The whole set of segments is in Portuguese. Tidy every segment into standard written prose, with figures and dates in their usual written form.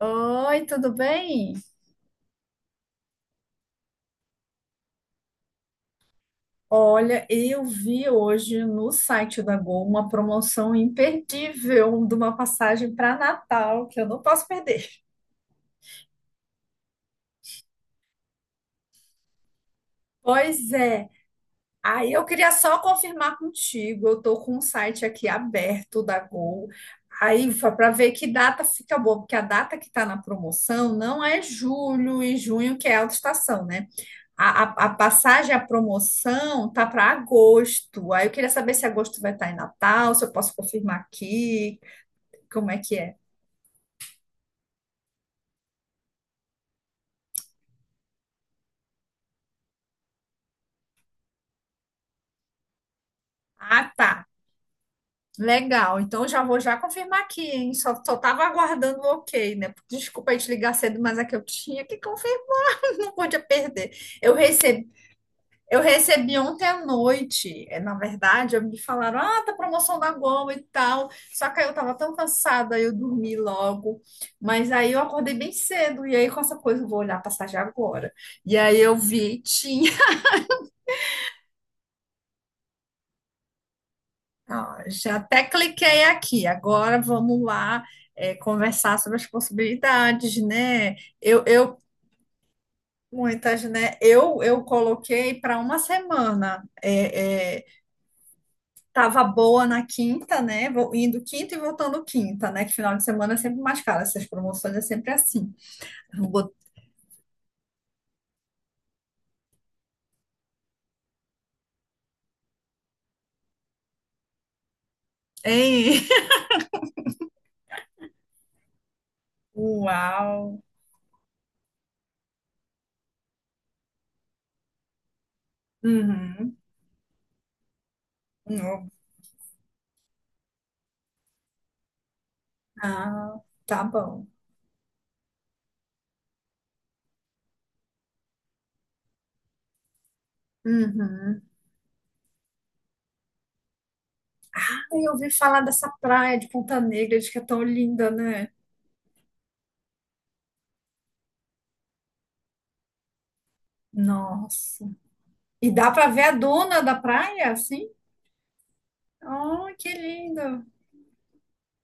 Oi, tudo bem? Olha, eu vi hoje no site da Gol uma promoção imperdível de uma passagem para Natal que eu não posso perder. Pois é. Aí eu queria só confirmar contigo. Eu tô com um site aqui aberto da Gol. Aí para ver que data fica boa, porque a data que está na promoção não é julho e junho, que é alta estação, né? A passagem, a promoção tá para agosto. Aí eu queria saber se agosto vai estar em Natal, se eu posso confirmar aqui, como é que é? Ah, tá. Legal. Então já vou já confirmar aqui, hein? Só tava aguardando o ok, né? Desculpa aí te ligar cedo, mas é que eu tinha que confirmar. Não podia perder. Eu recebi, eu recebi ontem à noite, na verdade, eu me falaram, ah, tá promoção da Gol e tal. Só que aí eu tava tão cansada, aí eu dormi logo. Mas aí eu acordei bem cedo, e aí com essa coisa eu vou olhar a passagem agora. E aí eu vi, tinha. Ah, já até cliquei aqui. Agora vamos lá, conversar sobre as possibilidades, né? Eu muitas, né? Eu coloquei para uma semana. Tava boa na quinta, né? Vou indo quinta e voltando quinta, né? Que final de semana é sempre mais caro. Essas promoções é sempre assim. Eu botei. Uau! Uhum. Não. Ah, tá bom. Uhum. Ai, eu ouvi falar dessa praia de Ponta Negra, diz que é tão linda, né? Nossa. E dá pra ver a dona da praia, assim? Oh, que lindo.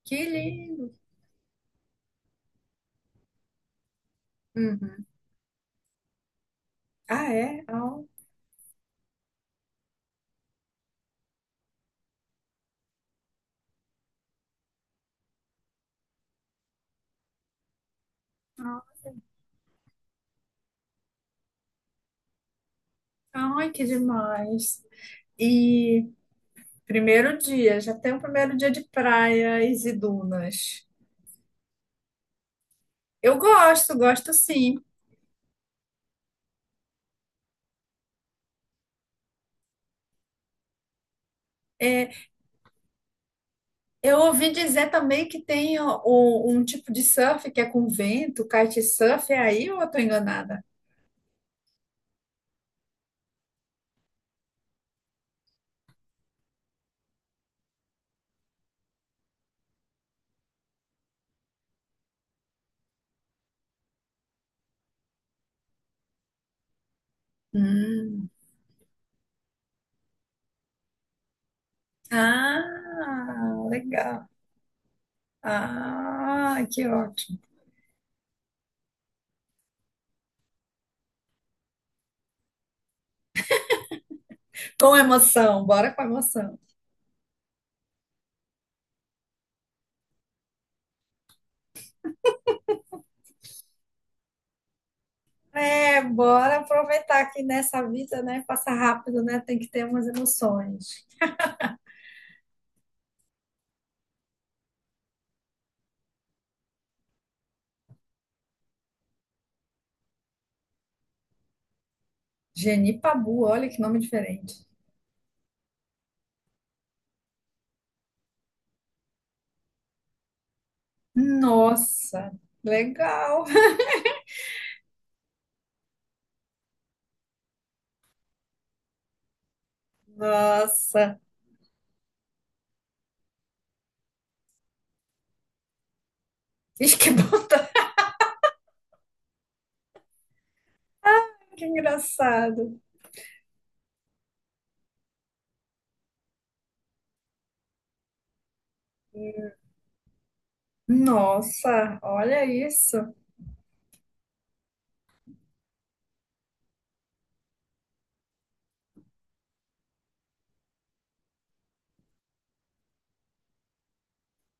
Que lindo. Uhum. Ah, é? Oh. Oh, ai, que demais. E primeiro dia, já tem o primeiro dia de praias e dunas. Eu gosto, gosto sim. É, eu ouvi dizer também que tem um tipo de surf que é com vento, kitesurf, é aí ou eu tô enganada? Hum. Ah, legal. Ah, que ótimo. Com emoção, bora com emoção. É, bora aproveitar que nessa vida, né, passa rápido, né, tem que ter umas emoções. Genipabu, olha que nome diferente. Nossa, legal. Nossa, isso que bom, tá? Que engraçado. Nossa, olha isso.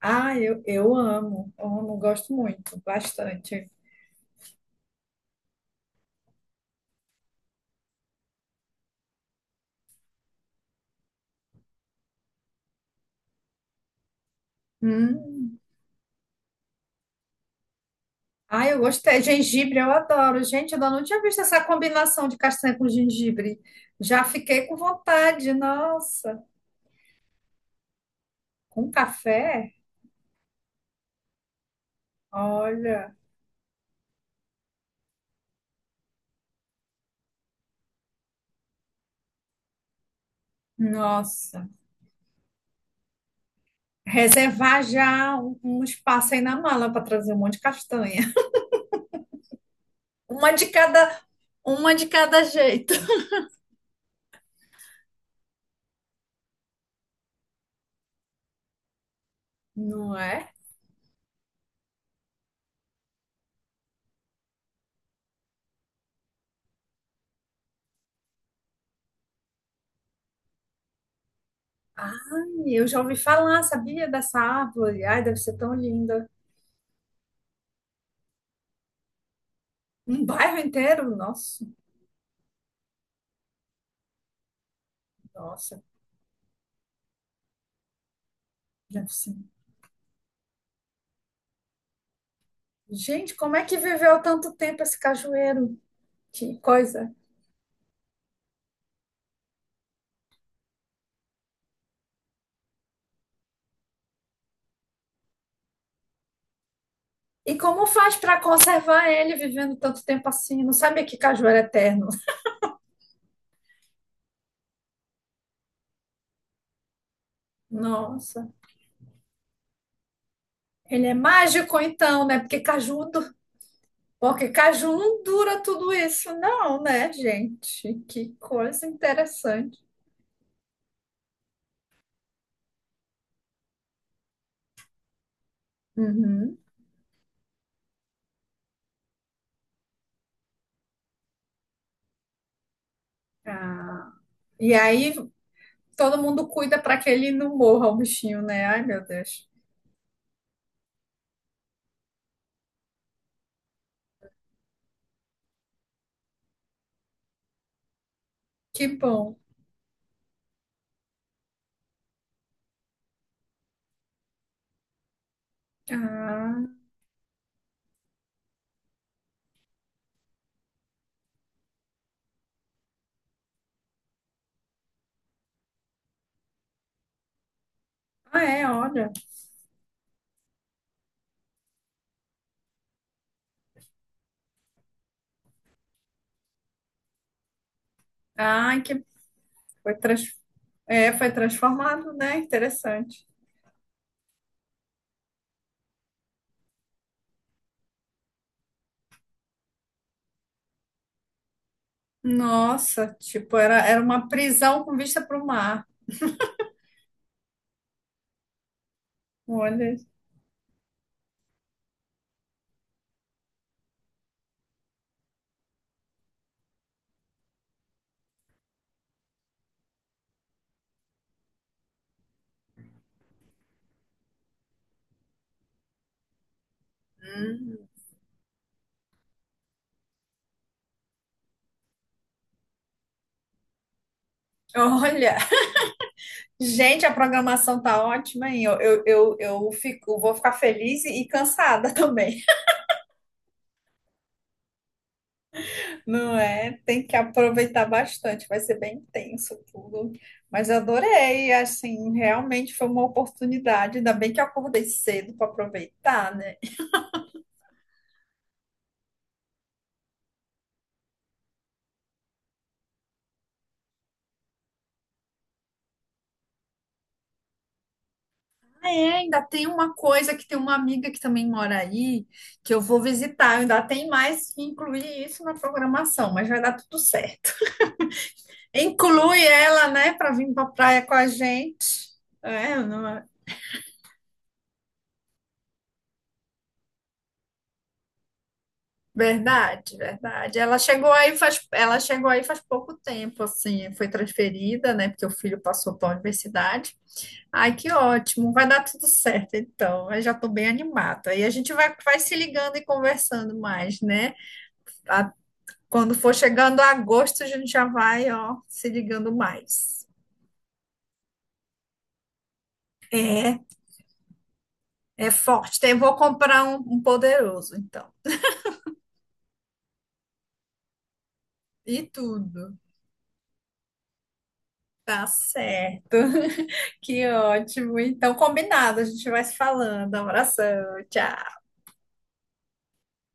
Ah, eu amo, amo, gosto muito, bastante. Hum. Ah, eu gostei. Gengibre, eu adoro. Gente, eu ainda não tinha visto essa combinação de castanha com gengibre. Já fiquei com vontade, nossa. Com café? Olha, nossa. Reservar já um espaço aí na mala para trazer um monte de castanha. Uma de cada, uma de cada jeito, não é? Ai, eu já ouvi falar, sabia dessa árvore? Ai, deve ser tão linda. Um bairro inteiro? Nossa, nossa, deve ser. Gente, como é que viveu tanto tempo esse cajueiro? Que coisa. E como faz para conservar ele vivendo tanto tempo assim? Não sabia que caju era eterno. Nossa, ele é mágico então, né? Porque caju não dura tudo isso, não, né, gente? Que coisa interessante. Uhum. Ah. E aí todo mundo cuida para que ele não morra, o bichinho, né? Ai, meu Deus. Que bom. Ah, ah é, olha. Ai, foi, trans... é, foi transformado, né? Interessante. Nossa, tipo, era uma prisão com vista para o mar. Olha. Hum. Olha, gente, a programação tá ótima, hein? Vou ficar feliz e cansada também. Não é? Tem que aproveitar bastante, vai ser bem intenso tudo. Mas eu adorei, assim, realmente foi uma oportunidade. Ainda bem que eu acordei cedo para aproveitar, né? Ah, é, ainda tem uma coisa que tem uma amiga que também mora aí, que eu vou visitar. Ainda tem mais que incluir isso na programação, mas vai dar tudo certo. Inclui ela, né, para vir para a praia com a gente. É, não é? Verdade, verdade. Ela chegou aí faz pouco tempo, assim, foi transferida, né? Porque o filho passou para a universidade. Ai, que ótimo, vai dar tudo certo, então. Eu já estou bem animada. Aí a gente vai se ligando e conversando mais, né? A- Quando for chegando a agosto, a gente já vai, ó, se ligando mais. É é forte. Vou comprar um poderoso, então. E tudo. Tá certo. Que ótimo. Então, combinado, a gente vai se falando. Abração, tchau.